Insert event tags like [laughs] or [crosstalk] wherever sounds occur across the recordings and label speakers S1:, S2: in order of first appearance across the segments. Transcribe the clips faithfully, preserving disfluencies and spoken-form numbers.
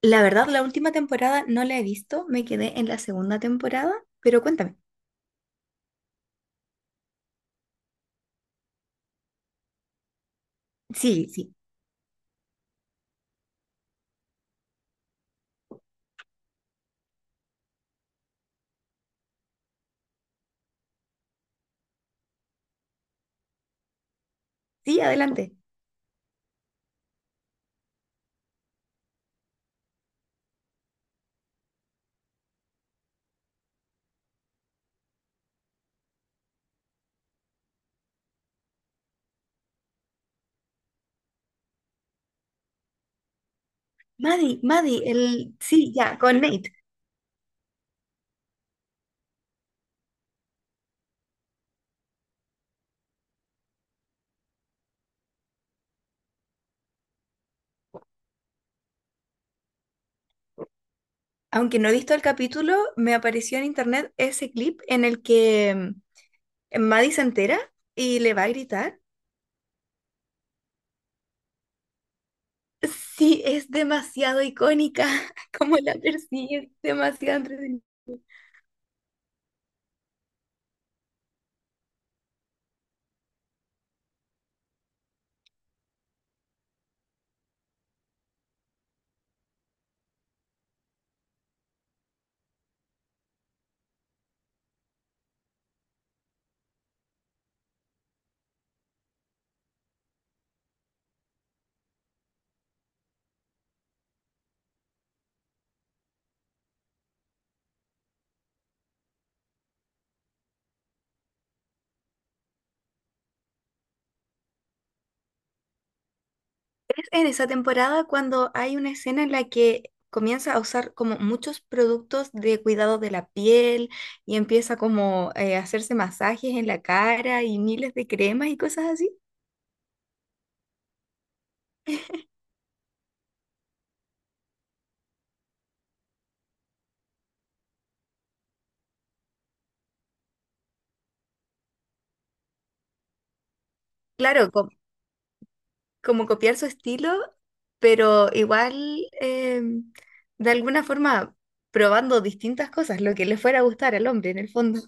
S1: La verdad, la última temporada no la he visto, me quedé en la segunda temporada, pero cuéntame. Sí, sí, sí, adelante. Maddie, Maddie, el... Sí, ya, con Nate. Aunque no he visto el capítulo, me apareció en internet ese clip en el que mm, Maddie se entera y le va a gritar. Sí, es demasiado icónica, [laughs] como la persigue, es demasiado entretenida. Es en esa temporada cuando hay una escena en la que comienza a usar como muchos productos de cuidado de la piel y empieza como eh, a hacerse masajes en la cara y miles de cremas y cosas así. Claro, co- como copiar su estilo, pero igual eh, de alguna forma probando distintas cosas, lo que le fuera a gustar al hombre en el fondo.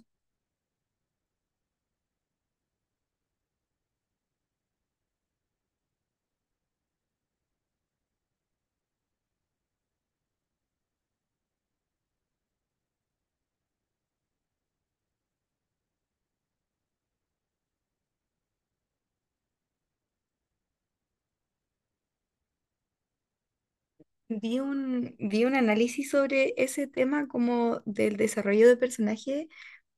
S1: Vi un, vi un análisis sobre ese tema como del desarrollo de personaje,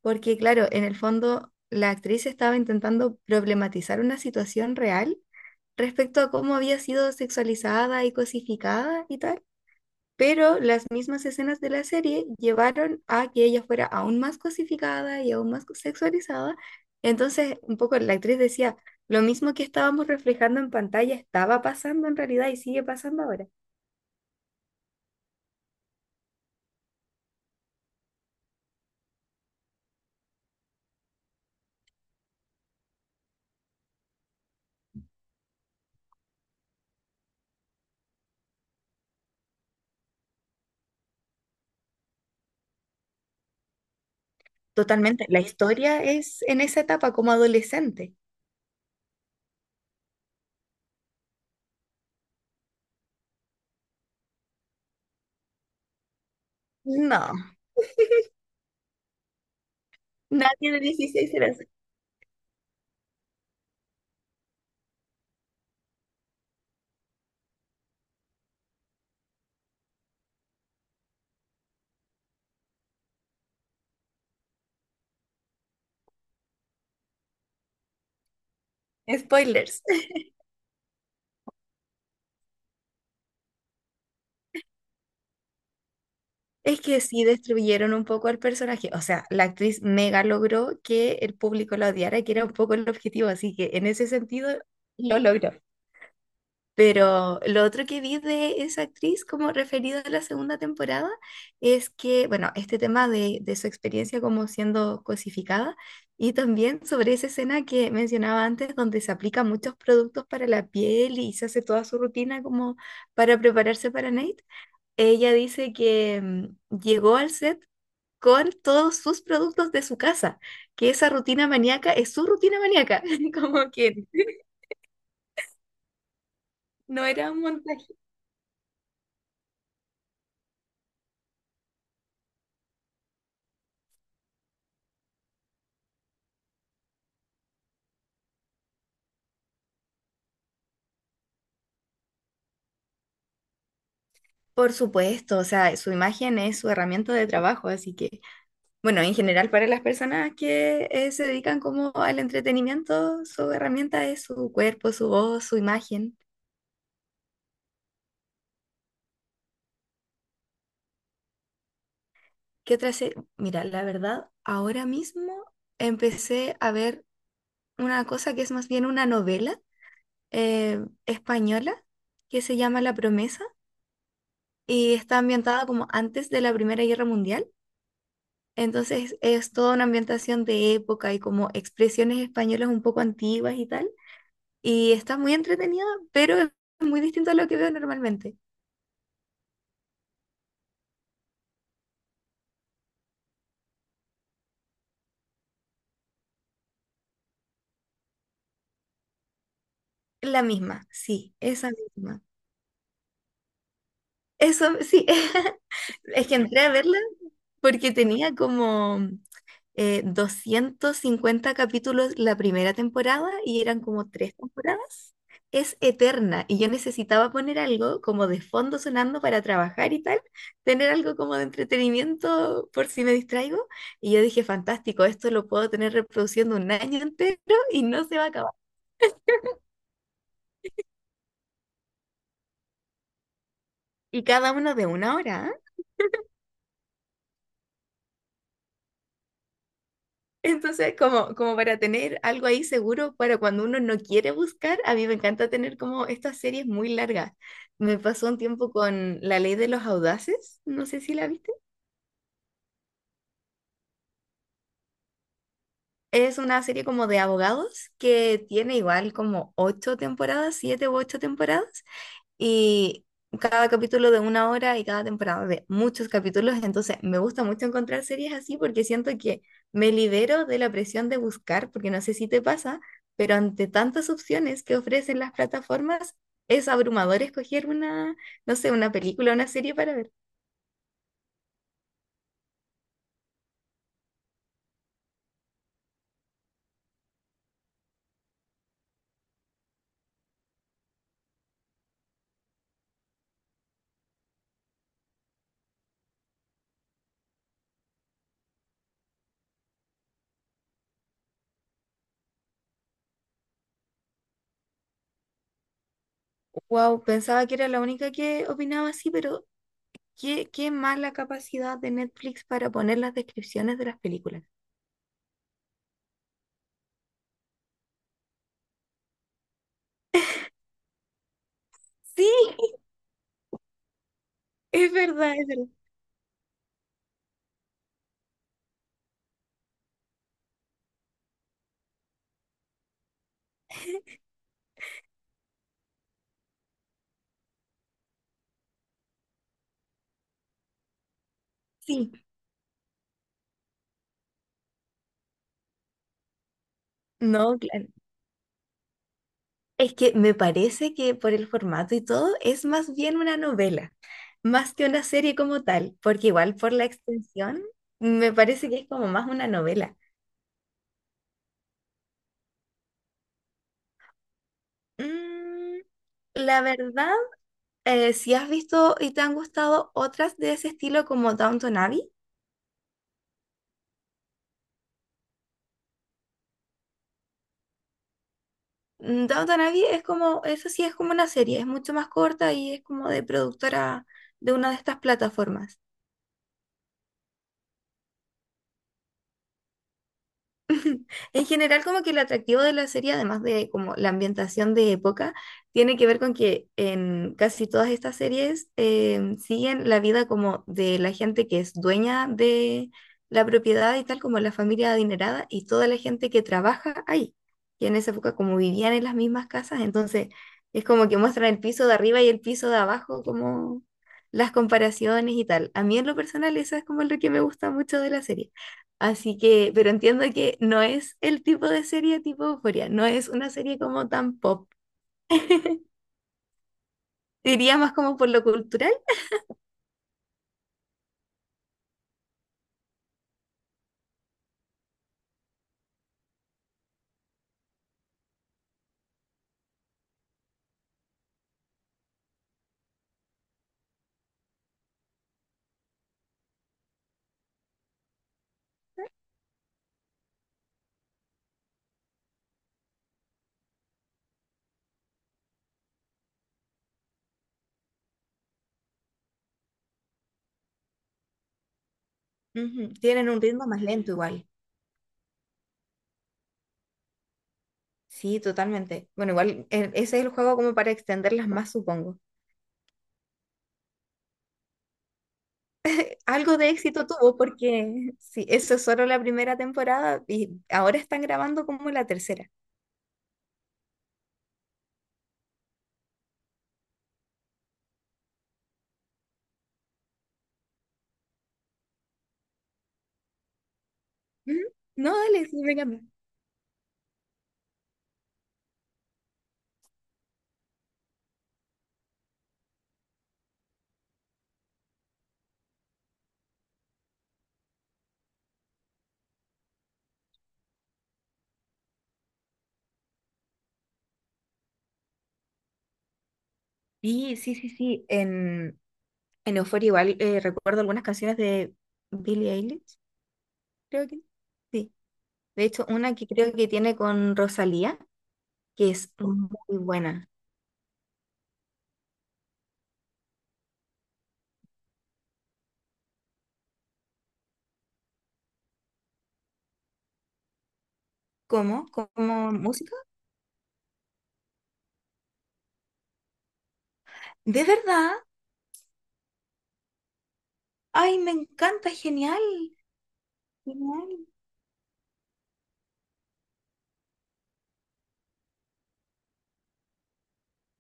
S1: porque claro, en el fondo la actriz estaba intentando problematizar una situación real respecto a cómo había sido sexualizada y cosificada y tal, pero las mismas escenas de la serie llevaron a que ella fuera aún más cosificada y aún más sexualizada. Entonces, un poco la actriz decía, lo mismo que estábamos reflejando en pantalla estaba pasando en realidad y sigue pasando ahora. Totalmente. La historia es en esa etapa como adolescente. No, nadie de dieciséis era así. Spoilers. [laughs] Es que sí destruyeron un poco al personaje. O sea, la actriz mega logró que el público la odiara, que era un poco el objetivo. Así que en ese sentido lo logró. Pero lo otro que vi de esa actriz como referido a la segunda temporada es que, bueno, este tema de, de su experiencia como siendo cosificada y también sobre esa escena que mencionaba antes donde se aplica muchos productos para la piel y se hace toda su rutina como para prepararse para Nate. Ella dice que mm, llegó al set con todos sus productos de su casa, que esa rutina maníaca es su rutina maníaca, [laughs] como que no era un montaje. Por supuesto, o sea, su imagen es su herramienta de trabajo, así que, bueno, en general para las personas que eh, se dedican como al entretenimiento, su herramienta es su cuerpo, su voz, su imagen. ¿Qué otra se- Mira, la verdad, ahora mismo empecé a ver una cosa que es más bien una novela eh, española que se llama La Promesa y está ambientada como antes de la Primera Guerra Mundial. Entonces es toda una ambientación de época y como expresiones españolas un poco antiguas y tal. Y está muy entretenida, pero es muy distinto a lo que veo normalmente. La misma, sí, esa misma. Eso, sí, [laughs] es que entré a verla porque tenía como eh, doscientos cincuenta capítulos la primera temporada y eran como tres temporadas. Es eterna y yo necesitaba poner algo como de fondo sonando para trabajar y tal, tener algo como de entretenimiento por si me distraigo. Y yo dije, fantástico, esto lo puedo tener reproduciendo un año entero y no se va a acabar. Y cada uno de una hora. Entonces, como, como para tener algo ahí seguro para cuando uno no quiere buscar, a mí me encanta tener como estas series muy largas. Me pasó un tiempo con La Ley de los Audaces, no sé si la viste. Es una serie como de abogados que tiene igual como ocho temporadas, siete u ocho temporadas, y cada capítulo de una hora y cada temporada de muchos capítulos, entonces me gusta mucho encontrar series así porque siento que me libero de la presión de buscar, porque no sé si te pasa, pero ante tantas opciones que ofrecen las plataformas, es abrumador escoger una, no sé, una película, una serie para ver. Wow, pensaba que era la única que opinaba así, pero qué, qué mala capacidad de Netflix para poner las descripciones de las películas. Sí, es verdad, es verdad. Sí, no, claro. Es que me parece que por el formato y todo es más bien una novela, más que una serie como tal, porque igual por la extensión me parece que es como más una novela. Mm, la verdad, eh, si has visto y te han gustado otras de ese estilo como Downton Abbey, mm, Downton Abbey es como, eso sí es como una serie, es mucho más corta y es como de productora de una de estas plataformas. [laughs] En general, como que el atractivo de la serie, además de como la ambientación de época, tiene que ver con que en casi todas estas series eh, siguen la vida como de la gente que es dueña de la propiedad y tal, como la familia adinerada y toda la gente que trabaja ahí. Y en esa época como vivían en las mismas casas, entonces es como que muestran el piso de arriba y el piso de abajo, como las comparaciones y tal. A mí en lo personal, eso es como lo que me gusta mucho de la serie. Así que, pero entiendo que no es el tipo de serie tipo Euphoria, no es una serie como tan pop. Diría más como por lo cultural. Ujú, tienen un ritmo más lento igual. Sí, totalmente. Bueno, igual eh, ese es el juego como para extenderlas más, supongo. Algo de éxito tuvo porque sí, eso es solo la primera temporada y ahora están grabando como la tercera. Ujú. No, dale, sí, me encanta. Sí, sí, sí, sí. En, en Euphoria igual eh, recuerdo algunas canciones de Billie Eilish, creo que. Sí. De hecho, una que creo que tiene con Rosalía, que es muy buena. ¿Cómo? ¿Como música? ¿De verdad? ¡Ay, me encanta! ¡Genial! ¡Genial!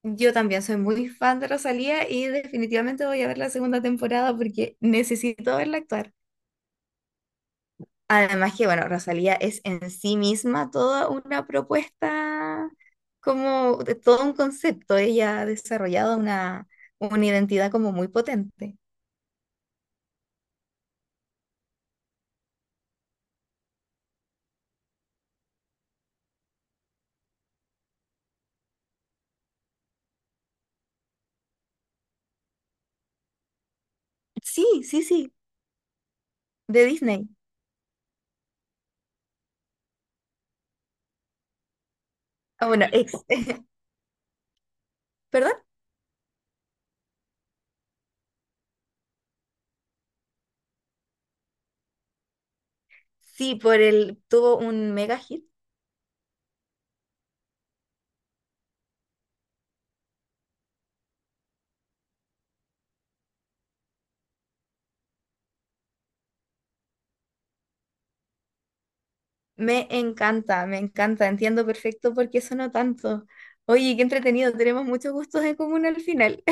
S1: Yo también soy muy fan de Rosalía y definitivamente voy a ver la segunda temporada porque necesito verla actuar. Además que, bueno, Rosalía es en sí misma toda una propuesta, como de todo un concepto. Ella ha desarrollado una, una identidad como muy potente. Sí, sí, sí, de Disney. Ah, bueno, ex- [laughs] ¿Perdón? Sí, por el, tuvo un mega hit. Me encanta, me encanta, entiendo perfecto por qué sonó tanto. Oye, qué entretenido, tenemos muchos gustos en común al final.